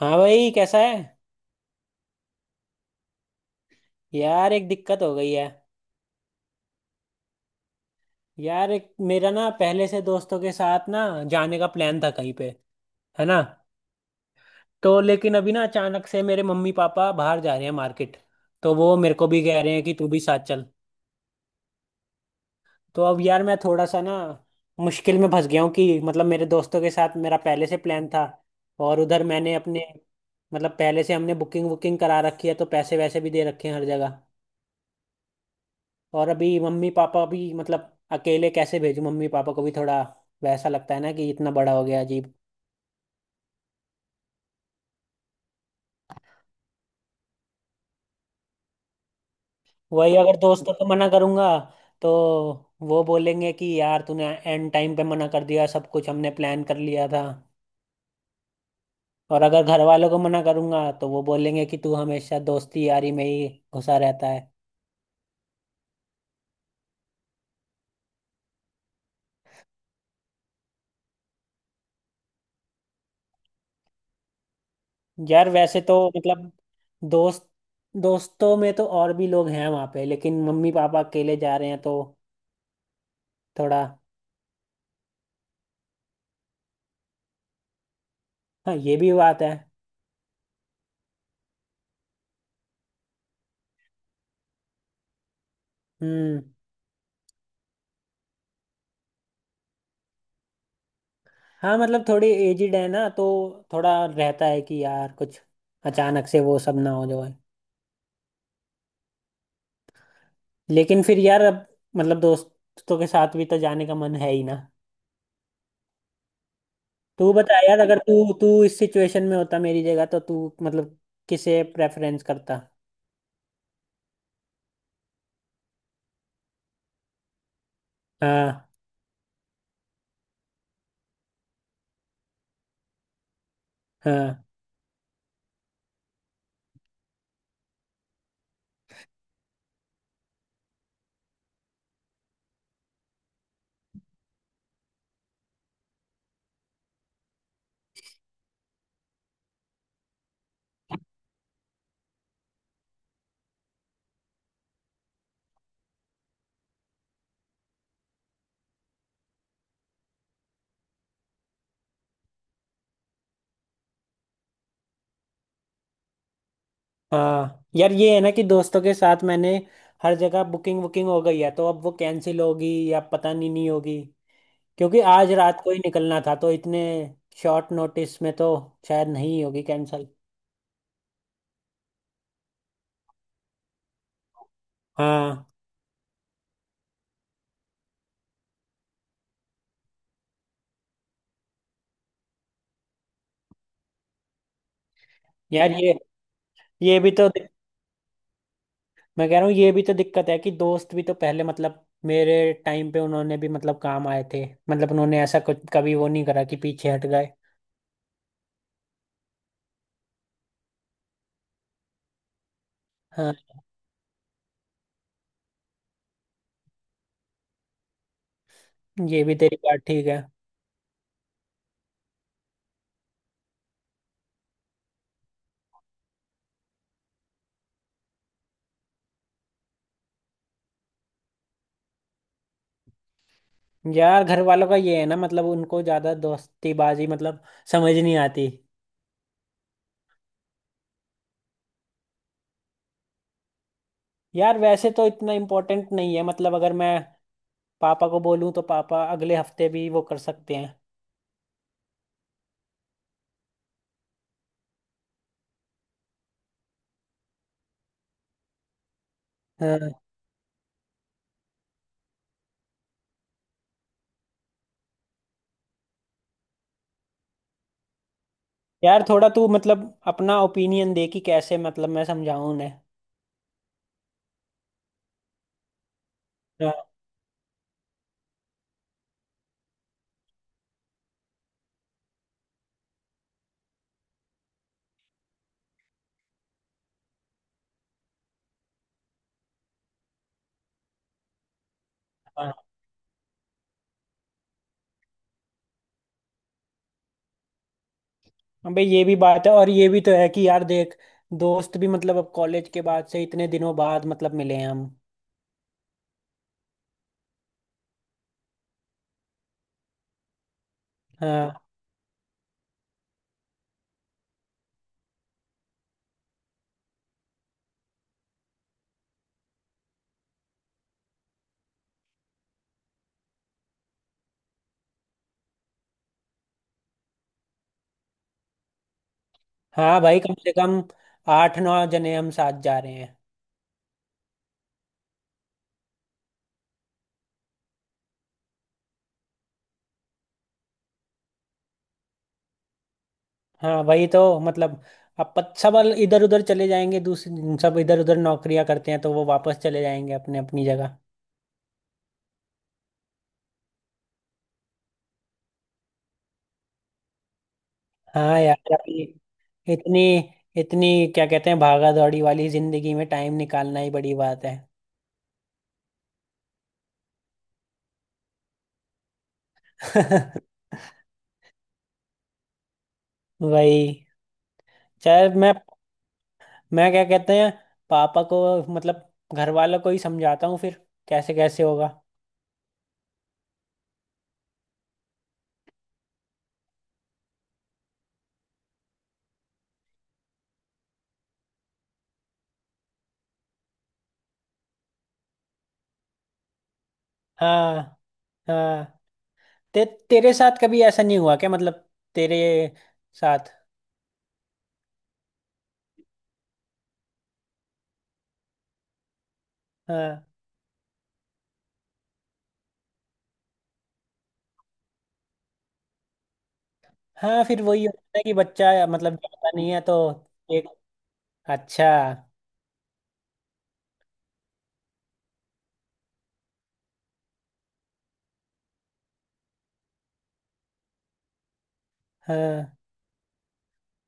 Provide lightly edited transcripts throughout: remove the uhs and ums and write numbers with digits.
हाँ भाई, कैसा है। यार, एक दिक्कत हो गई है। यार, एक मेरा ना पहले से दोस्तों के साथ ना जाने का प्लान था कहीं पे। है ना। तो लेकिन अभी ना अचानक से मेरे मम्मी पापा बाहर जा रहे हैं मार्केट। तो वो मेरे को भी कह रहे हैं कि तू भी साथ चल। तो अब यार, मैं थोड़ा सा ना मुश्किल में फंस गया हूँ कि मतलब मेरे दोस्तों के साथ मेरा पहले से प्लान था। और उधर मैंने अपने मतलब पहले से हमने बुकिंग वुकिंग करा रखी है, तो पैसे वैसे भी दे रखे हैं हर जगह। और अभी मम्मी पापा भी मतलब अकेले कैसे भेजूं, मम्मी पापा को भी थोड़ा वैसा लगता है ना कि इतना बड़ा हो गया अजीब। वही अगर दोस्तों को मना करूंगा तो वो बोलेंगे कि यार तूने एंड टाइम पे मना कर दिया, सब कुछ हमने प्लान कर लिया था। और अगर घर वालों को मना करूंगा तो वो बोलेंगे कि तू हमेशा दोस्ती यारी में ही घुसा रहता है। यार वैसे तो मतलब दोस्त दोस्तों में तो और भी लोग हैं वहां पे, लेकिन मम्मी पापा अकेले जा रहे हैं तो थोड़ा। हाँ, ये भी बात है। हम्म। हाँ मतलब थोड़ी एजिड है ना, तो थोड़ा रहता है कि यार कुछ अचानक से वो सब ना हो जाए। लेकिन फिर यार अब मतलब दोस्तों के साथ भी तो जाने का मन है ही ना। तू बता यार, अगर तू तू इस सिचुएशन में होता मेरी जगह तो तू मतलब किसे प्रेफरेंस करता। हाँ, हाँ, हाँ। यार ये है ना कि दोस्तों के साथ मैंने हर जगह बुकिंग बुकिंग हो गई है तो अब वो कैंसिल होगी या पता नहीं, नहीं होगी। क्योंकि आज रात को ही निकलना था, तो इतने शॉर्ट नोटिस में तो शायद नहीं होगी कैंसिल। हाँ यार, ये भी तो मैं कह रहा हूँ ये भी तो दिक्कत है कि दोस्त भी तो पहले मतलब मेरे टाइम पे उन्होंने भी मतलब काम आए थे। मतलब उन्होंने ऐसा कुछ कभी वो नहीं करा कि पीछे हट गए। हाँ, ये भी तेरी बात ठीक है। यार घर वालों का ये है ना, मतलब उनको ज्यादा दोस्तीबाजी मतलब समझ नहीं आती। यार वैसे तो इतना इम्पोर्टेंट नहीं है, मतलब अगर मैं पापा को बोलूँ तो पापा अगले हफ्ते भी वो कर सकते हैं। हाँ। यार थोड़ा तू मतलब अपना ओपिनियन दे कि कैसे मतलब मैं समझाऊं उन्हें। हाँ। हाँ भाई, ये भी बात है और ये भी तो है कि यार देख, दोस्त भी मतलब अब कॉलेज के बाद से इतने दिनों बाद मतलब मिले हैं हम। हाँ। हाँ भाई, कम से कम आठ नौ जने हम साथ जा रहे हैं। हाँ वही तो मतलब अब सब इधर उधर चले जाएंगे, दूसरे सब इधर उधर नौकरियां करते हैं तो वो वापस चले जाएंगे अपने अपनी जगह। हाँ यार, अभी इतनी इतनी क्या कहते हैं, भागा दौड़ी वाली जिंदगी में टाइम निकालना ही बड़ी बात है। वही, चल मैं क्या कहते हैं, पापा को मतलब घर वालों को ही समझाता हूँ फिर। कैसे कैसे होगा। हाँ, हाँ, ते, तेरे साथ कभी ऐसा नहीं हुआ क्या मतलब तेरे साथ। हाँ। हाँ, फिर वही होता है कि बच्चा मतलब जाता नहीं है तो। एक अच्छा। हाँ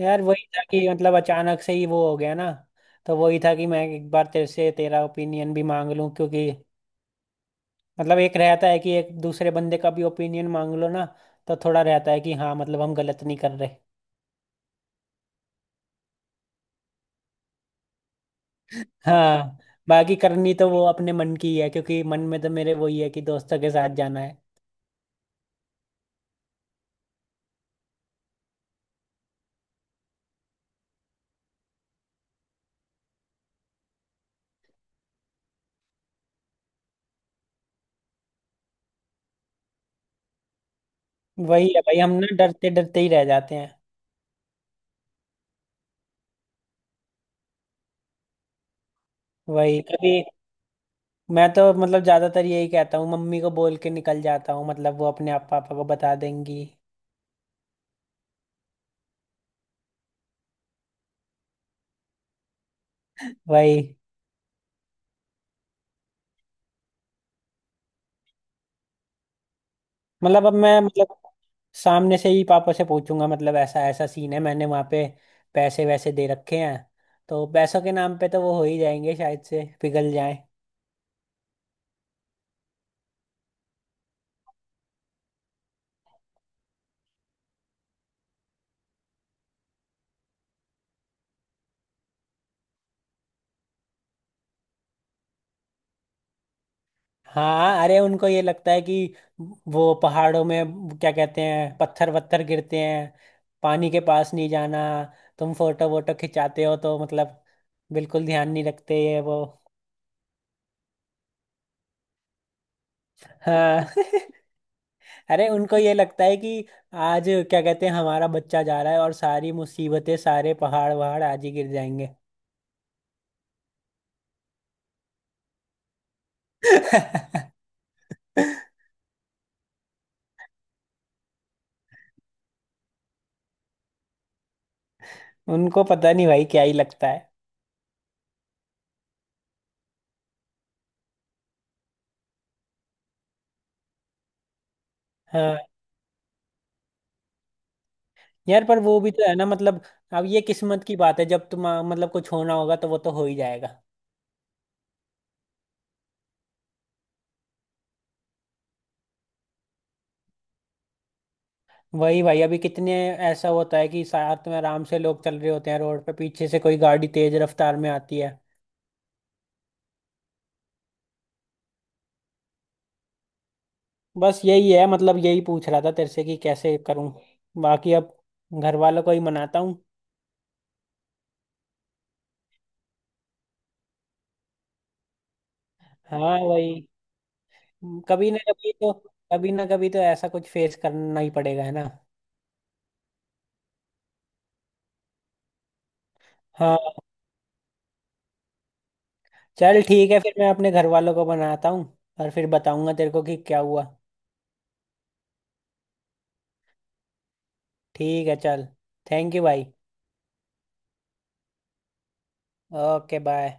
यार, वही था कि मतलब अचानक से ही वो हो गया ना। तो वही था कि मैं एक बार तेरे से तेरा ओपिनियन भी मांग लूं क्योंकि मतलब एक रहता है कि एक दूसरे बंदे का भी ओपिनियन मांग लो ना। तो थोड़ा रहता है कि हाँ मतलब हम गलत नहीं कर रहे। हाँ। बाकी करनी तो वो अपने मन की ही है, क्योंकि मन में तो मेरे वही है कि दोस्तों के साथ जाना है। वही है भाई, हम ना डरते डरते ही रह जाते हैं। वही, कभी मैं तो मतलब ज्यादातर यही कहता हूँ, मम्मी को बोल के निकल जाता हूँ, मतलब वो अपने आप पापा को बता देंगी। वही मतलब अब मैं मतलब सामने से ही पापा से पूछूंगा, मतलब ऐसा ऐसा सीन है, मैंने वहाँ पे पैसे वैसे दे रखे हैं। तो पैसों के नाम पे तो वो हो ही जाएंगे, शायद से पिघल जाए। हाँ अरे, उनको ये लगता है कि वो पहाड़ों में क्या कहते हैं पत्थर वत्थर गिरते हैं। पानी के पास नहीं जाना, तुम फोटो वोटो खिंचाते हो तो मतलब बिल्कुल ध्यान नहीं रखते ये वो। हाँ। अरे उनको ये लगता है कि आज क्या कहते हैं, हमारा बच्चा जा रहा है और सारी मुसीबतें सारे पहाड़ वहाड़ आज ही गिर जाएंगे। उनको पता नहीं भाई क्या ही लगता है। हाँ। यार पर वो भी तो है ना, मतलब अब ये किस्मत की बात है, जब तुम मतलब कुछ होना होगा तो वो तो हो ही जाएगा। वही भाई, अभी कितने ऐसा होता है कि साथ में आराम से लोग चल रहे होते हैं रोड पे, पीछे से कोई गाड़ी तेज रफ्तार में आती है। बस यही है, मतलब यही पूछ रहा था तेरे से कि कैसे करूं। बाकी अब घर वालों को ही मनाता हूँ। हाँ वही, कभी ना कभी तो कभी ना कभी तो ऐसा कुछ फेस करना ही पड़ेगा, है ना। हाँ। चल ठीक है, फिर मैं अपने घर वालों को बनाता हूँ और फिर बताऊंगा तेरे को कि क्या हुआ। ठीक है, चल। थैंक यू भाई। Okay bye.